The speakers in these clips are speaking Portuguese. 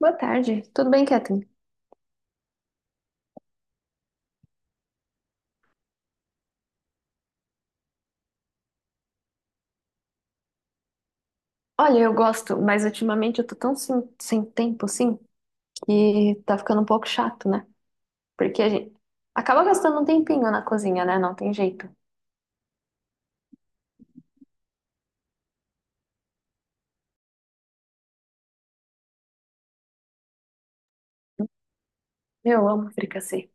Boa tarde, tudo bem, Catherine? Olha, eu gosto, mas ultimamente eu tô tão sem tempo assim que tá ficando um pouco chato, né? Porque a gente acaba gastando um tempinho na cozinha, né? Não tem jeito. Eu amo fricassê.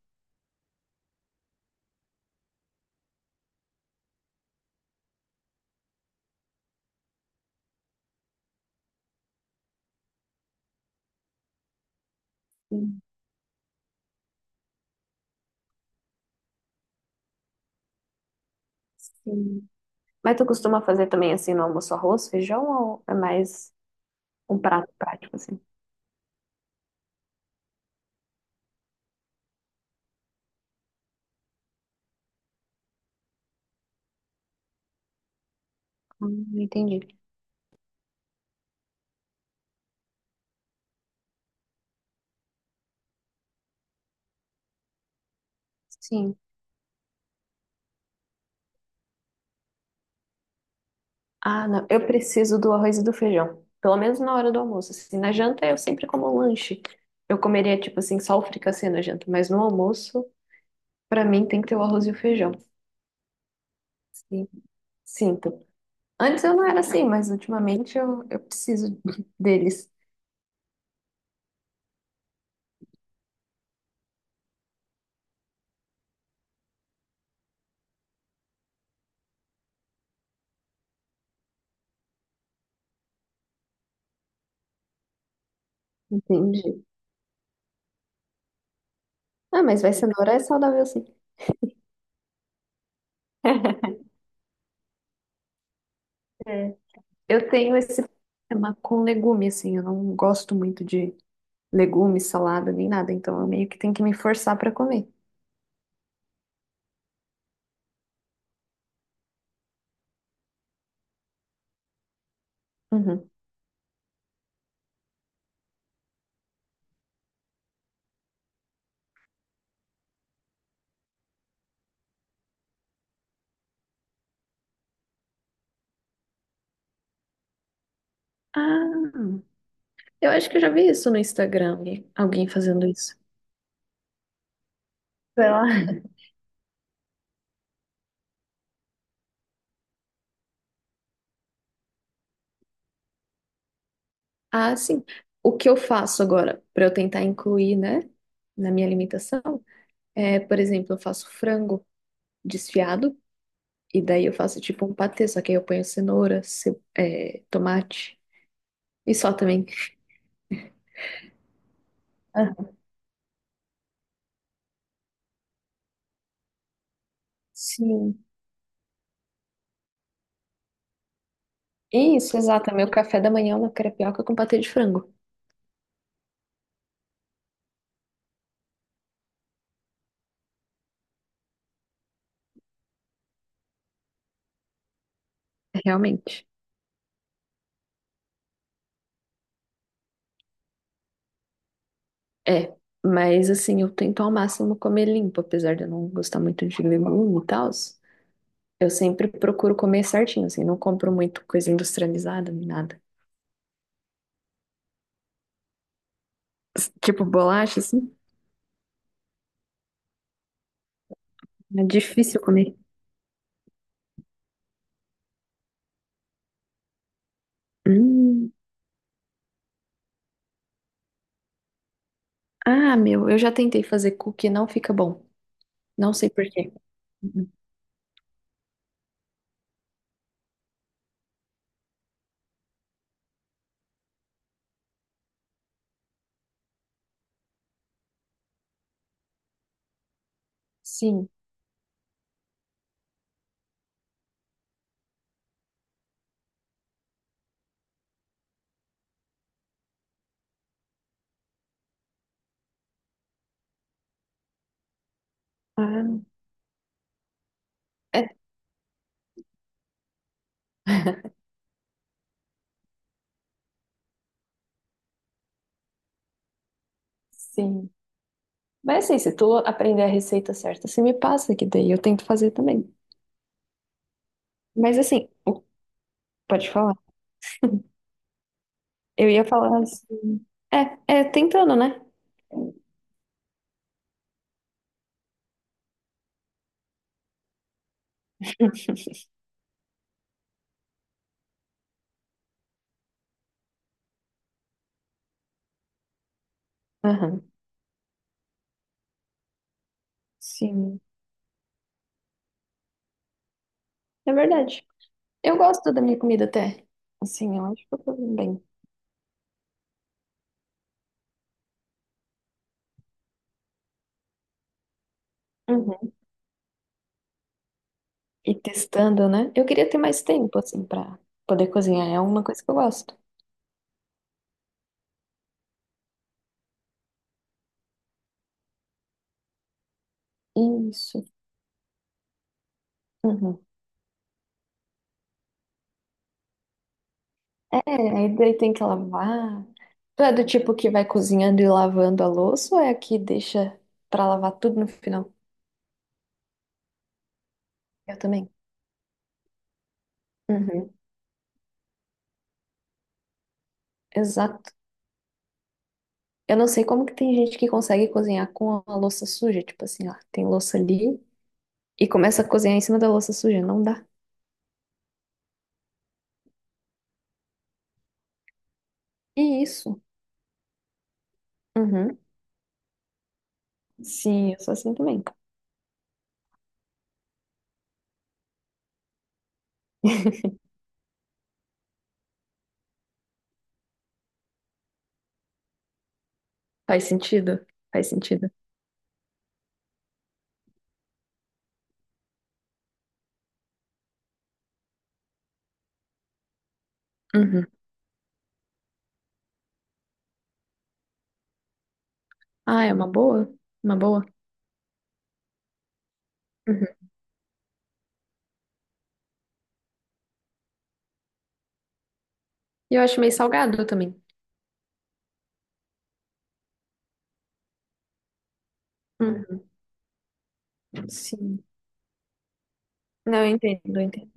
Sim, sim. Mas tu costuma fazer também assim no almoço arroz, feijão ou é mais um prato prático assim? Entendi. Sim. Ah, não, eu preciso do arroz e do feijão, pelo menos na hora do almoço. Assim, na janta eu sempre como um lanche. Eu comeria tipo assim só o fricassê na janta, mas no almoço pra mim tem que ter o arroz e o feijão. Sim, sinto. Antes eu não era assim, mas ultimamente eu preciso deles. Entendi. Ah, mas vai, cenoura é saudável sim. É. Eu tenho esse problema com legume, assim, eu não gosto muito de legume, salada, nem nada, então eu meio que tenho que me forçar pra comer. Uhum. Ah, eu acho que eu já vi isso no Instagram, alguém fazendo isso. Sei lá. Ah, sim. O que eu faço agora pra eu tentar incluir, né, na minha alimentação? É, por exemplo, eu faço frango desfiado e daí eu faço tipo um patê, só que aí eu ponho cenoura, é, tomate e só também. Aham. Sim. Isso, exato. Meu café da manhã é uma crepioca com patê de frango. Realmente. É. Mas assim, eu tento ao máximo comer limpo, apesar de eu não gostar muito de legume e tal. Eu sempre procuro comer certinho, assim, não compro muito coisa industrializada nem nada. Tipo bolacha, assim, é difícil comer. Hum. Ah, meu, eu já tentei fazer cookie, não fica bom. Não sei por quê. Uhum. Sim, ah, é, sim. Mas assim, se tu aprender a receita certa, você me passa que daí eu tento fazer também. Mas assim, pode falar. Eu ia falar assim. É, é tentando, né? Aham. Sim, é verdade. Eu gosto da minha comida até. Assim, eu acho que eu tô bem. Uhum. E testando, né? Eu queria ter mais tempo, assim, pra poder cozinhar. É uma coisa que eu gosto. Isso. Uhum. É, aí daí tem que lavar. Tu é do tipo que vai cozinhando e lavando a louça ou é a que deixa pra lavar tudo no final? Eu também. Uhum, exato. Eu não sei como que tem gente que consegue cozinhar com a louça suja, tipo assim, ó, tem louça ali e começa a cozinhar em cima da louça suja, não dá. E isso. Uhum. Sim, eu sou assim também. Faz sentido, faz sentido. Uhum. Ah, é uma boa, uma boa. Uhum. E eu acho meio salgado também. Uhum. Sim. Não, eu entendo, eu entendo.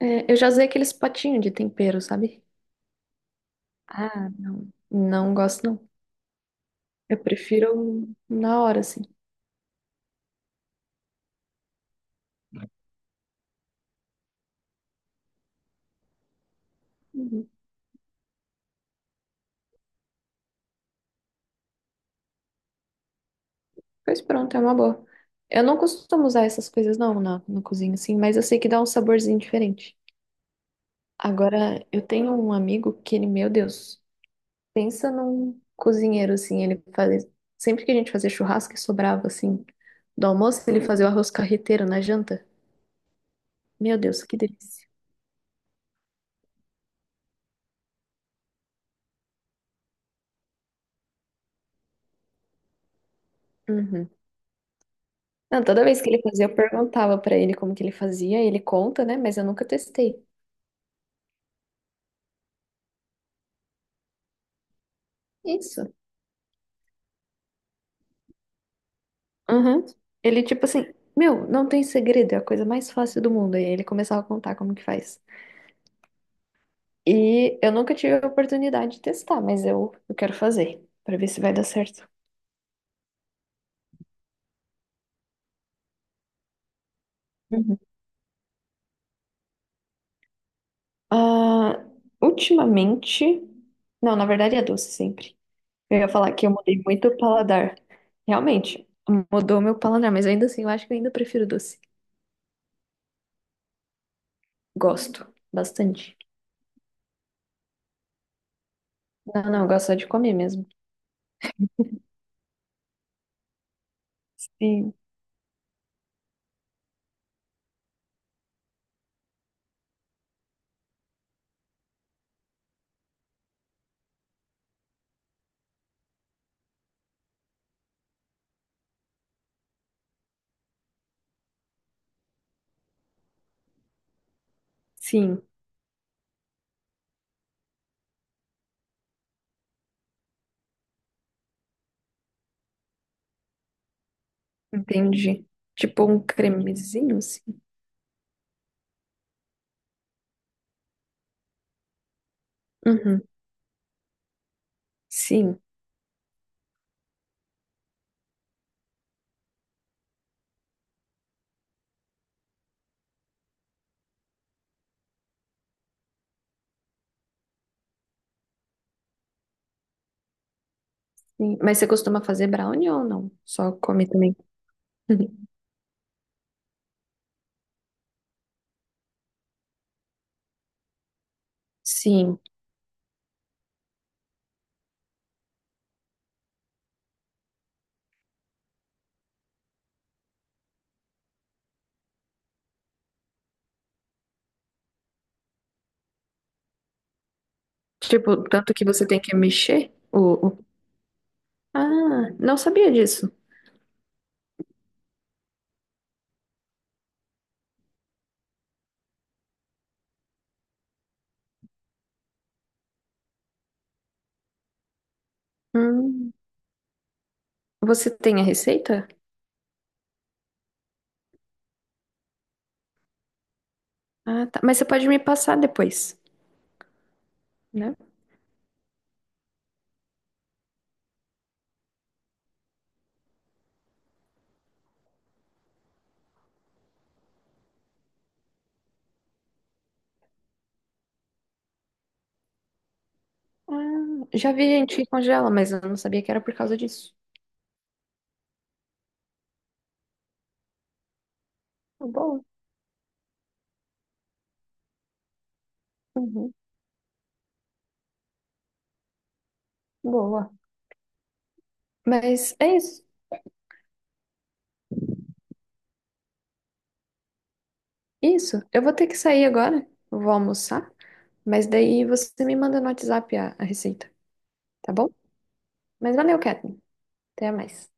É, eu já usei aqueles potinhos de tempero, sabe? Ah, não. Não gosto, não. Eu prefiro na hora, assim. Uhum. Pois pronto, é uma boa. Eu não costumo usar essas coisas, não, no cozinho, assim, mas eu sei que dá um saborzinho diferente. Agora, eu tenho um amigo que ele, meu Deus, pensa num cozinheiro, assim, ele fazia... Sempre que a gente fazia churrasco e sobrava, assim, do almoço, ele fazia o arroz carreteiro na janta. Meu Deus, que delícia. Uhum. Não, toda vez que ele fazia, eu perguntava pra ele como que ele fazia, ele conta, né? Mas eu nunca testei. Isso. Uhum. Ele, tipo assim, meu, não tem segredo, é a coisa mais fácil do mundo. E aí ele começava a contar como que faz. E eu nunca tive a oportunidade de testar, mas eu quero fazer, pra ver se vai dar certo. Uhum. Ah, ultimamente. Não, na verdade é doce sempre. Eu ia falar que eu mudei muito o paladar. Realmente, mudou meu paladar, mas ainda assim, eu acho que eu ainda prefiro doce. Gosto bastante. Não, não, eu gosto só de comer mesmo. Sim, sim, entendi. Tipo um cremezinho, assim. Uhum, sim, sim. Mas você costuma fazer brownie ou não? Só come também? Uhum. Sim. Tipo, tanto que você tem que mexer o. Ah, não sabia disso. Hum, Você tem a receita? Ah, tá. Mas você pode me passar depois, né? Ah, já vi gente que congela, mas eu não sabia que era por causa disso. Boa. Uhum. Boa. Mas é isso. Isso, eu vou ter que sair agora, eu vou almoçar, mas daí você me manda no WhatsApp a receita, tá bom? Mas valeu, Catherine. Até mais.